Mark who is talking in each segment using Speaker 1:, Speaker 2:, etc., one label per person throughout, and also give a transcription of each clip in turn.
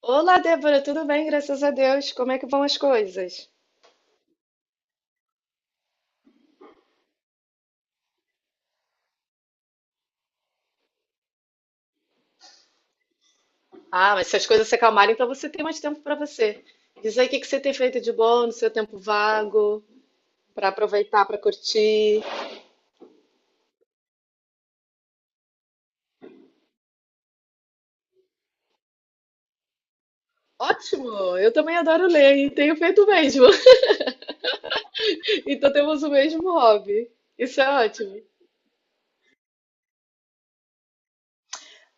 Speaker 1: Olá, Débora, tudo bem? Graças a Deus. Como é que vão as coisas? Ah, mas se as coisas se acalmarem, então você tem mais tempo para você. Diz aí o que que você tem feito de bom no seu tempo vago, para aproveitar, para curtir. Ótimo! Eu também adoro ler e tenho feito o mesmo. Então temos o mesmo hobby. Isso é ótimo.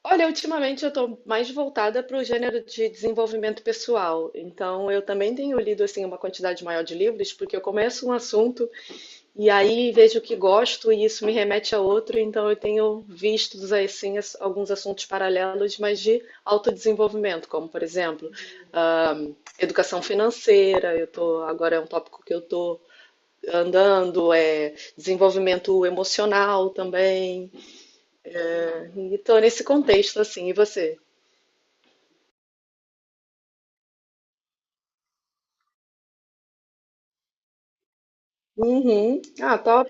Speaker 1: Olha, ultimamente eu estou mais voltada para o gênero de desenvolvimento pessoal. Então eu também tenho lido assim uma quantidade maior de livros, porque eu começo um assunto. E aí vejo o que gosto e isso me remete a outro, então eu tenho visto assim, alguns assuntos paralelos, mas de autodesenvolvimento, como por exemplo, ah, educação financeira, eu tô, agora é um tópico que eu estou andando, é desenvolvimento emocional também. Né? E estou nesse contexto assim, e você? Uhum. Ah, top.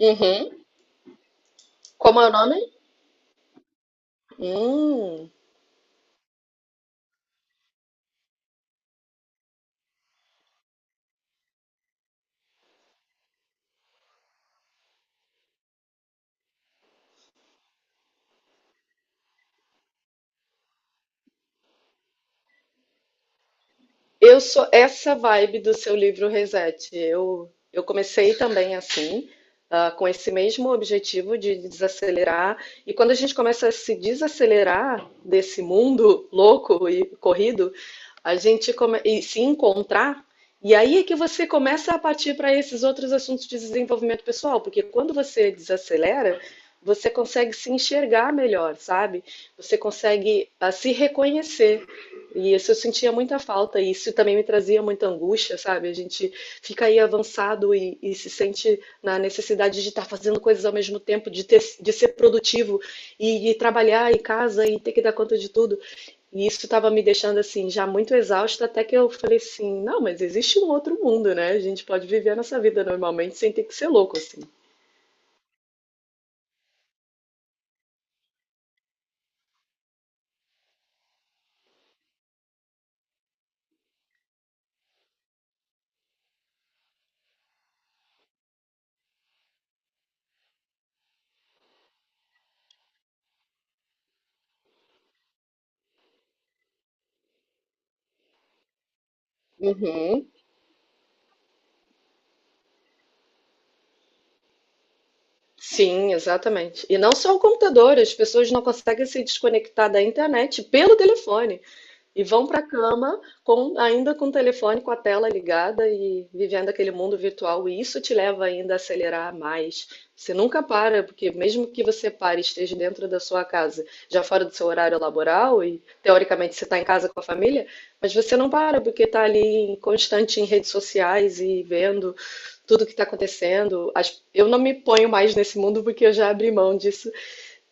Speaker 1: Uhum. Como é o nome? Hum. Eu sou essa vibe do seu livro Reset. Eu comecei também assim, ah, com esse mesmo objetivo de desacelerar. E quando a gente começa a se desacelerar desse mundo louco e corrido, a gente e se encontrar. E aí é que você começa a partir para esses outros assuntos de desenvolvimento pessoal, porque quando você desacelera, você consegue se enxergar melhor, sabe? Você consegue ah, se reconhecer. E isso eu sentia muita falta, e isso também me trazia muita angústia, sabe? A gente fica aí avançado e se sente na necessidade de estar fazendo coisas ao mesmo tempo, de ser produtivo e trabalhar em casa e ter que dar conta de tudo. E isso estava me deixando assim, já muito exausta, até que eu falei assim: não, mas existe um outro mundo, né? A gente pode viver a nossa vida normalmente sem ter que ser louco assim. Uhum. Sim, exatamente. E não só o computador, as pessoas não conseguem se desconectar da internet pelo telefone. E vão para a cama ainda com o telefone, com a tela ligada e vivendo aquele mundo virtual. E isso te leva ainda a acelerar mais. Você nunca para, porque mesmo que você pare e esteja dentro da sua casa, já fora do seu horário laboral, e teoricamente você está em casa com a família, mas você não para, porque está ali constante em redes sociais e vendo tudo que está acontecendo. Eu não me ponho mais nesse mundo porque eu já abri mão disso.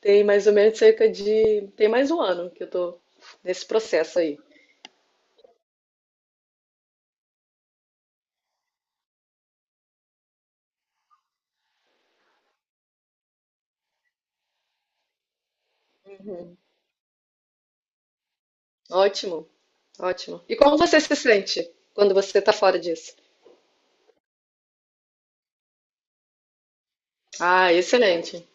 Speaker 1: Tem mais ou menos cerca de. Tem mais um ano que eu estou nesse processo aí. Ótimo, ótimo. E como você se sente quando você está fora disso? Ah, excelente.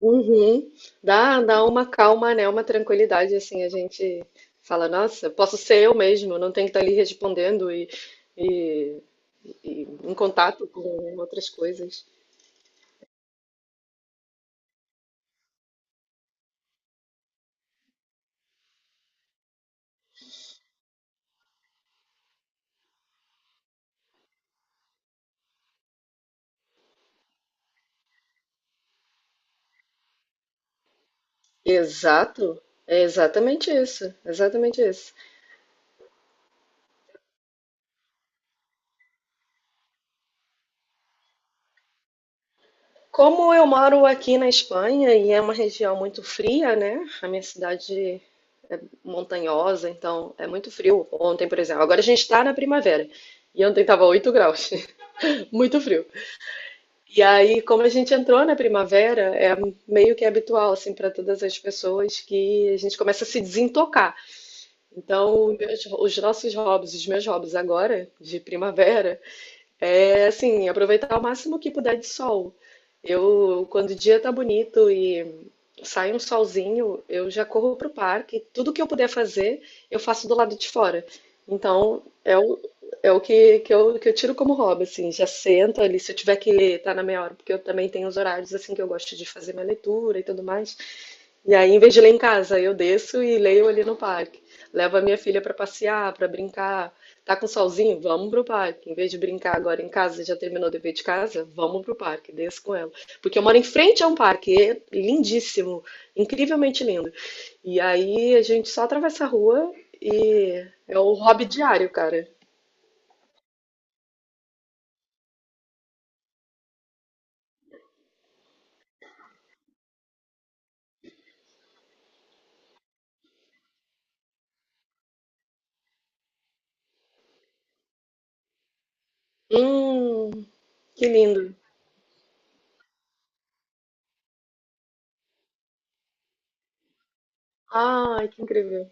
Speaker 1: Uhum. Dá uma calma, né? Uma tranquilidade, assim, a gente fala, nossa, posso ser eu mesmo, não tenho que estar ali respondendo e, e em contato com outras coisas. Exato, é exatamente isso, exatamente isso. Como eu moro aqui na Espanha e é uma região muito fria, né? A minha cidade é montanhosa, então é muito frio. Ontem, por exemplo, agora a gente está na primavera e ontem estava 8 graus, muito frio. E aí, como a gente entrou na primavera, é meio que habitual assim para todas as pessoas que a gente começa a se desintocar. Então, os nossos hobbies, os meus hobbies agora de primavera, é assim, aproveitar ao máximo que puder de sol. Eu, quando o dia tá bonito e sai um solzinho, eu já corro pro parque. Tudo que eu puder fazer, eu faço do lado de fora. Então, é o que, que eu tiro como hobby, assim. Já sento ali, se eu tiver que estar na meia hora, porque eu também tenho os horários, assim, que eu gosto de fazer minha leitura e tudo mais. E aí, em vez de ler em casa, eu desço e leio ali no parque. Levo a minha filha para passear, para brincar. Tá com solzinho? Vamos pro parque. Em vez de brincar agora em casa, você já terminou o dever de casa? Vamos pro parque, desça com ela. Porque eu moro em frente a um parque, é lindíssimo, incrivelmente lindo. E aí a gente só atravessa a rua e é o hobby diário, cara. Hum, que lindo. Ai, que incrível.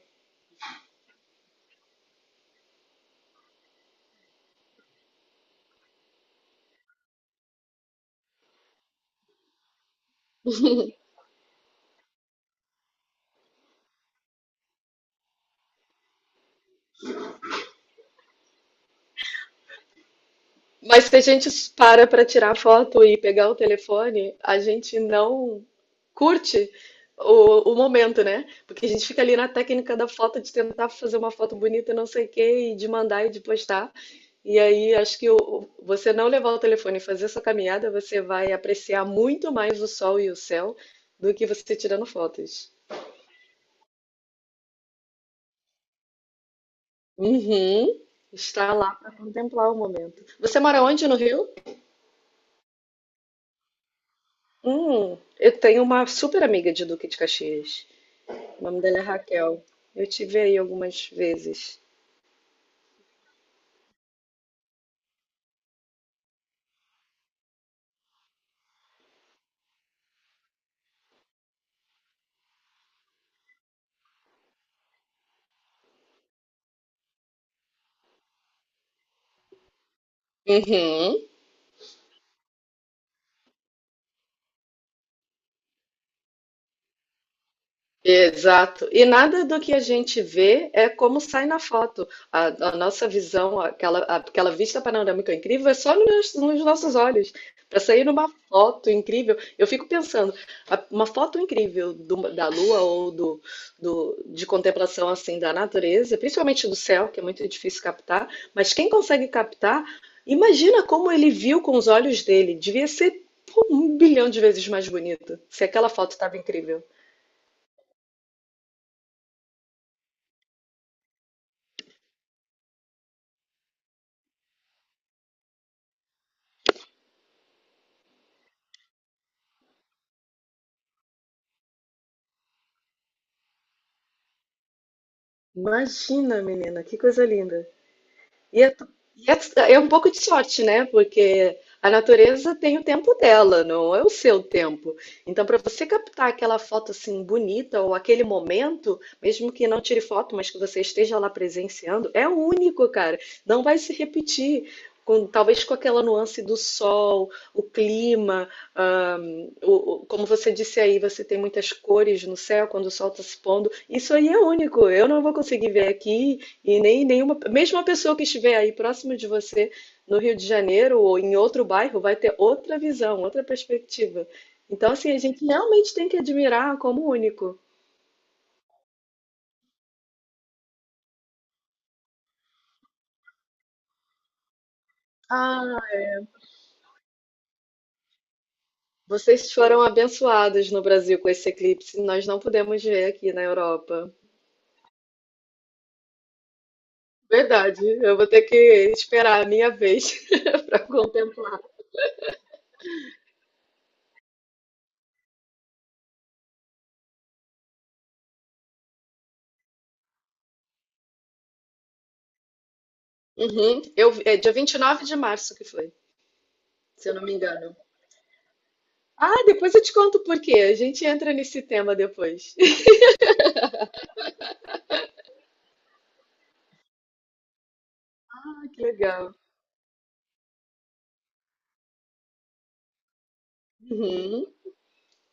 Speaker 1: Mas se a gente para para tirar foto e pegar o telefone, a gente não curte o momento, né? Porque a gente fica ali na técnica da foto de tentar fazer uma foto bonita, e não sei o quê, e de mandar e de postar. E aí acho que você não levar o telefone e fazer essa caminhada, você vai apreciar muito mais o sol e o céu do que você tirando fotos. Uhum. Está lá para contemplar o momento. Você mora onde no Rio? Eu tenho uma super amiga de Duque de Caxias. O nome dela é Raquel. Eu tive aí algumas vezes. Uhum. Exato. E nada do que a gente vê é como sai na foto. A nossa visão, aquela vista panorâmica incrível, é só nos nossos olhos. Para sair numa foto incrível, eu fico pensando, uma foto incrível da lua ou de contemplação assim da natureza, principalmente do céu, que é muito difícil captar, mas quem consegue captar, imagina como ele viu com os olhos dele. Devia ser pô, um bilhão de vezes mais bonito, se aquela foto estava incrível. Imagina, menina, que coisa linda! E é, É um pouco de sorte, né? Porque a natureza tem o tempo dela, não é o seu tempo. Então, para você captar aquela foto assim bonita ou aquele momento, mesmo que não tire foto, mas que você esteja lá presenciando, é único, cara. Não vai se repetir. Talvez com aquela nuance do sol, o clima, como você disse aí, você tem muitas cores no céu quando o sol está se pondo. Isso aí é único. Eu não vou conseguir ver aqui. E nem nenhuma, mesmo a pessoa que estiver aí próximo de você no Rio de Janeiro ou em outro bairro vai ter outra visão, outra perspectiva. Então, assim, a gente realmente tem que admirar como único. Ah, vocês foram abençoados no Brasil com esse eclipse, nós não podemos ver aqui na Europa. Verdade, eu vou ter que esperar a minha vez para contemplar. Uhum. É dia 29 de março que foi, se eu não me engano. Ah, depois eu te conto por quê. A gente entra nesse tema depois. Que legal. Uhum,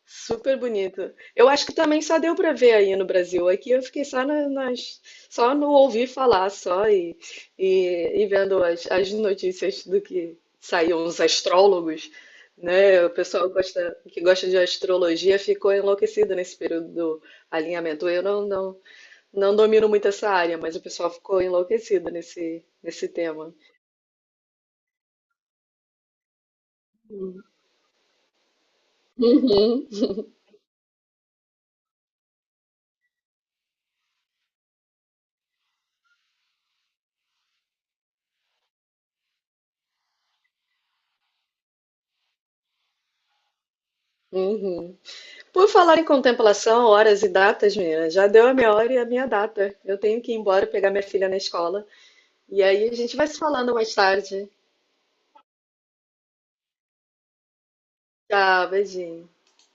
Speaker 1: super bonito. Eu acho que também só deu para ver aí no Brasil. Aqui eu fiquei só só no ouvir falar só e vendo as notícias do que saíam os astrólogos, né? O pessoal que gosta de astrologia ficou enlouquecido nesse período do alinhamento. Eu não domino muito essa área, mas o pessoal ficou enlouquecido nesse tema. Uhum, uhum. Por falar em contemplação, horas e datas, menina, já deu a minha hora e a minha data. Eu tenho que ir embora pegar minha filha na escola. E aí a gente vai se falando mais tarde. Tchau, beijinho.